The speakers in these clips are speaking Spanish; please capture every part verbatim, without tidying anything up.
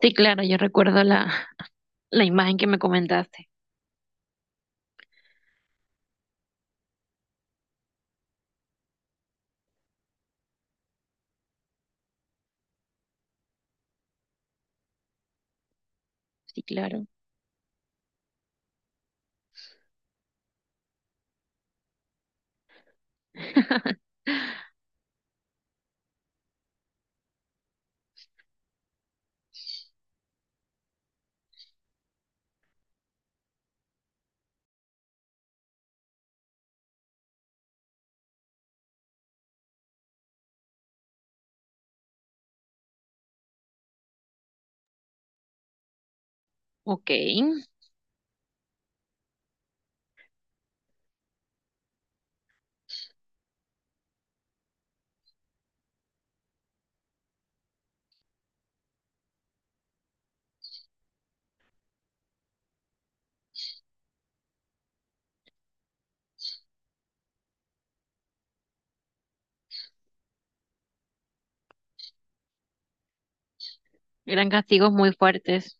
Sí, claro, yo recuerdo la, la imagen que me comentaste. Sí, claro. Ok, eran castigos muy fuertes.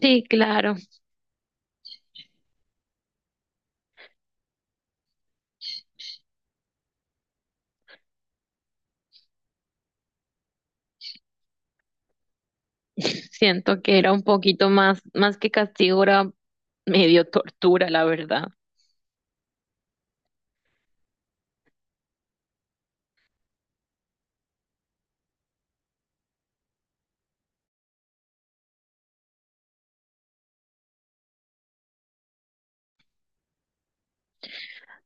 Sí, claro. Siento que era un poquito más, más que castigo, era medio tortura, la verdad.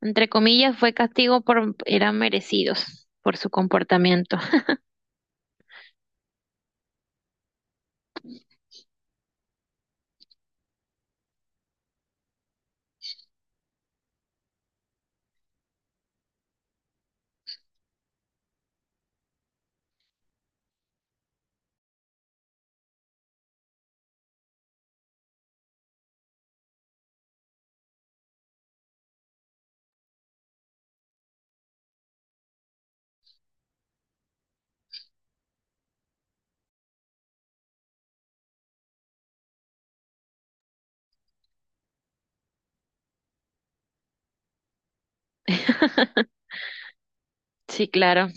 Entre comillas, fue castigo por, eran merecidos por su comportamiento. Sí, claro.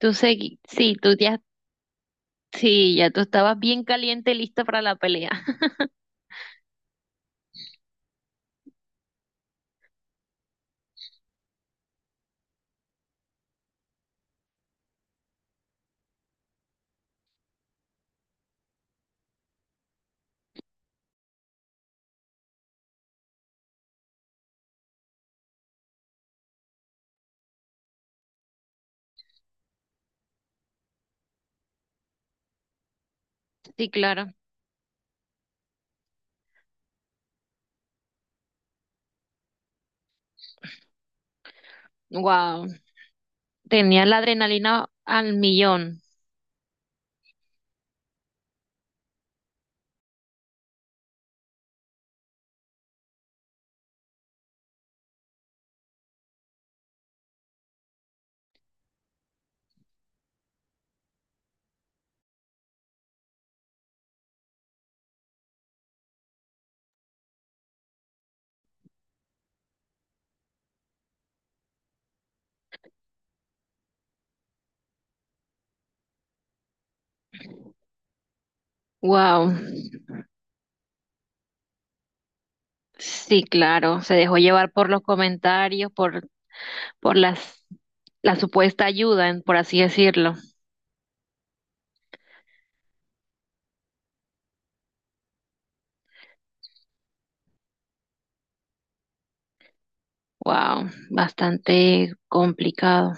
Tú segui, sí, tú ya, sí, ya tú estabas bien caliente, lista para la pelea. Sí, claro. Wow. Tenía la adrenalina al millón. Wow. Sí, claro. Se dejó llevar por los comentarios, por, por las, la supuesta ayuda, en- por así decirlo. Wow. Bastante complicado.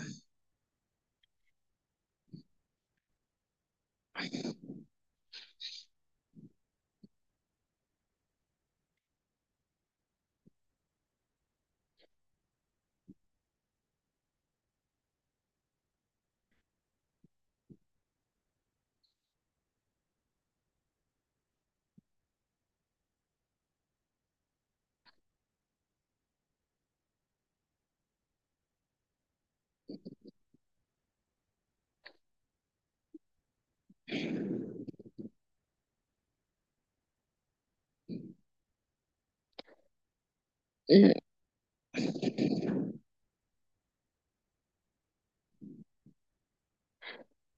Mm,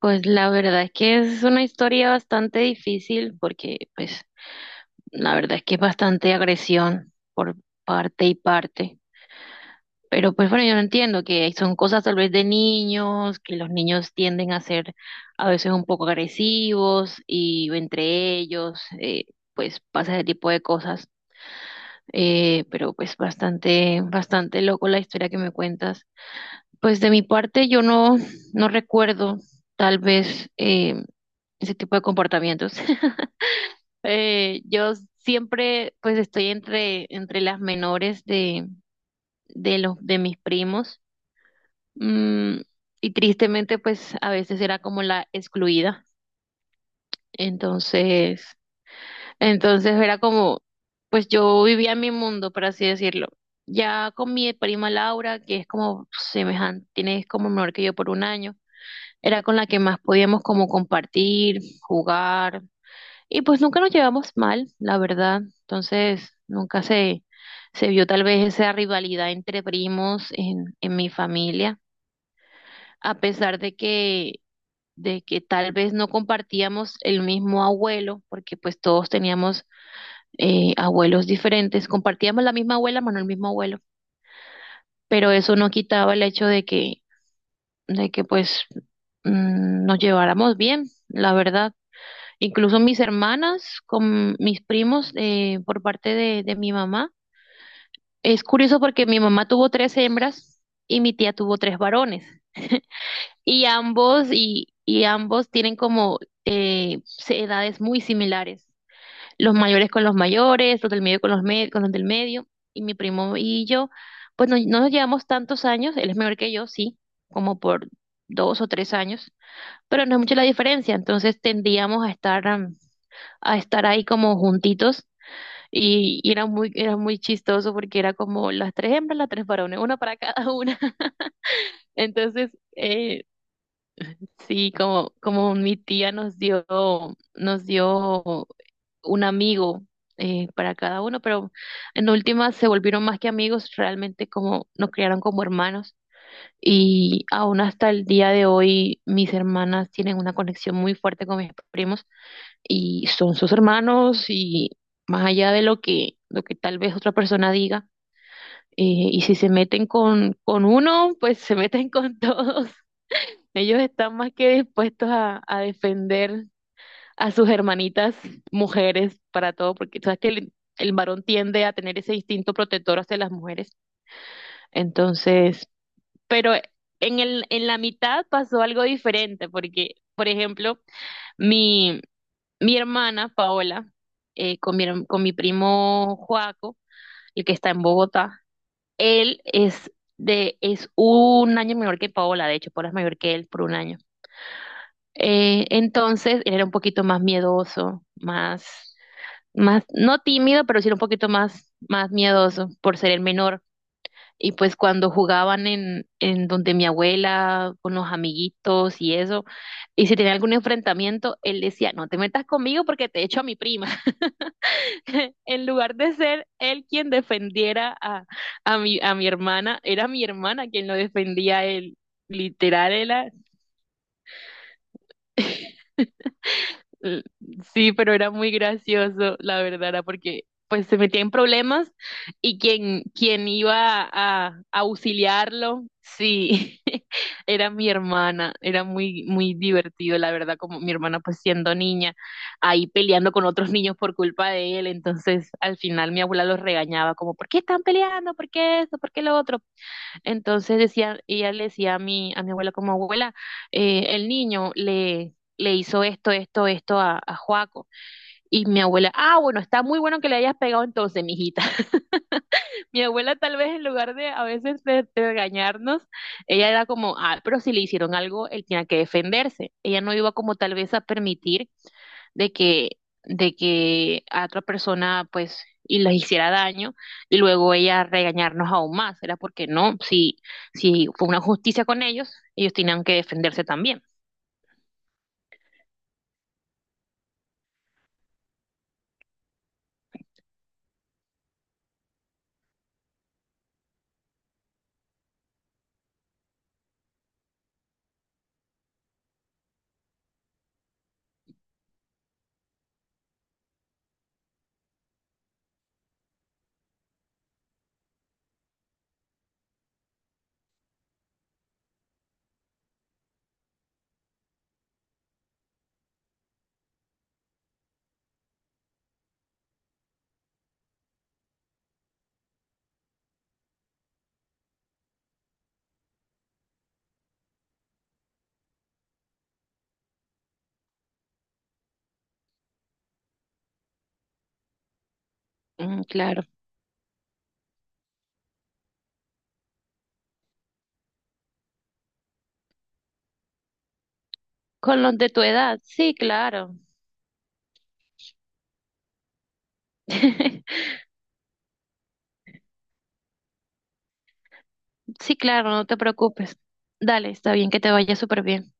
pues la verdad es que es una historia bastante difícil porque, pues, la verdad es que es bastante agresión por parte y parte. Pero pues bueno, yo no entiendo que son cosas tal vez de niños, que los niños tienden a ser a veces un poco agresivos y entre ellos eh, pues pasa ese tipo de cosas. Eh, pero pues bastante, bastante loco la historia que me cuentas. Pues de mi parte yo no, no recuerdo tal vez eh, ese tipo de comportamientos. Eh, yo siempre pues estoy entre, entre las menores de, de los, de mis primos. Mm, y tristemente, pues a veces era como la excluida. Entonces, entonces era como, pues yo vivía en mi mundo, por así decirlo. Ya con mi prima Laura, que es como semejante, tiene es como menor que yo por un año, era con la que más podíamos como compartir, jugar. Y pues nunca nos llevamos mal, la verdad. Entonces, nunca se, se vio tal vez esa rivalidad entre primos en, en mi familia a pesar de que de que tal vez no compartíamos el mismo abuelo, porque pues todos teníamos eh, abuelos diferentes, compartíamos la misma abuela, pero no el mismo abuelo, pero eso no quitaba el hecho de que, de que pues mm, nos lleváramos bien, la verdad. Incluso mis hermanas con mis primos eh, por parte de, de mi mamá. Es curioso porque mi mamá tuvo tres hembras y mi tía tuvo tres varones y ambos y, y ambos tienen como eh, edades muy similares. Los mayores con los mayores, los del medio con los, me- con los del medio, y mi primo y yo, pues no, no nos llevamos tantos años, él es mayor que yo, sí, como por dos o tres años, pero no es mucha la diferencia, entonces tendíamos a estar, am, a estar ahí como juntitos, y, y era muy, era muy chistoso porque era como las tres hembras, las tres varones, una para cada una. Entonces, eh, sí, como, como mi tía nos dio, nos dio un amigo eh, para cada uno, pero en últimas se volvieron más que amigos, realmente como nos criaron como hermanos. Y aún hasta el día de hoy mis hermanas tienen una conexión muy fuerte con mis primos y son sus hermanos y más allá de lo que, lo que tal vez otra persona diga, eh, y si se meten con, con uno, pues se meten con todos. Ellos están más que dispuestos a, a defender a sus hermanitas mujeres para todo, porque sabes que el, el varón tiende a tener ese instinto protector hacia las mujeres. Entonces, pero en el, en la mitad pasó algo diferente, porque, por ejemplo, mi, mi hermana Paola, eh, con mi, herm- con mi primo Joaco, el que está en Bogotá, él es de, es un año menor que Paola, de hecho, Paola es mayor que él por un año. Eh, entonces, él era un poquito más miedoso, más más, no tímido, pero sí un poquito más, más miedoso por ser el menor. Y pues cuando jugaban en, en donde mi abuela, con los amiguitos y eso, y si tenía algún enfrentamiento, él decía, no te metas conmigo porque te echo a mi prima. En lugar de ser él quien defendiera a, a mi, a mi hermana, era mi hermana quien lo defendía a él. Literal, era, L- Sí, pero era muy gracioso, la verdad, era porque pues se metía en problemas y quien, quien iba a, a auxiliarlo, sí, era mi hermana, era muy, muy divertido, la verdad, como mi hermana pues siendo niña, ahí peleando con otros niños por culpa de él, entonces al final mi abuela los regañaba como, ¿por qué están peleando? ¿Por qué esto? ¿Por qué lo otro? Entonces decía, ella le decía a mi, a mi abuela como abuela, eh, el niño le, le hizo esto, esto, esto a, a Joaco. Y mi abuela, ah, bueno, está muy bueno que le hayas pegado entonces, mijita. Mi abuela tal vez en lugar de a veces de, de regañarnos, ella era como, ah, pero si le hicieron algo, él tenía que defenderse. Ella no iba como tal vez a permitir de que, de que a otra persona pues y les hiciera daño y luego ella regañarnos aún más. Era porque no, si, si fue una justicia con ellos, ellos tenían que defenderse también. Mm, claro. Con los de tu edad, sí, claro. Sí, claro, no te preocupes. Dale, está bien que te vaya súper bien.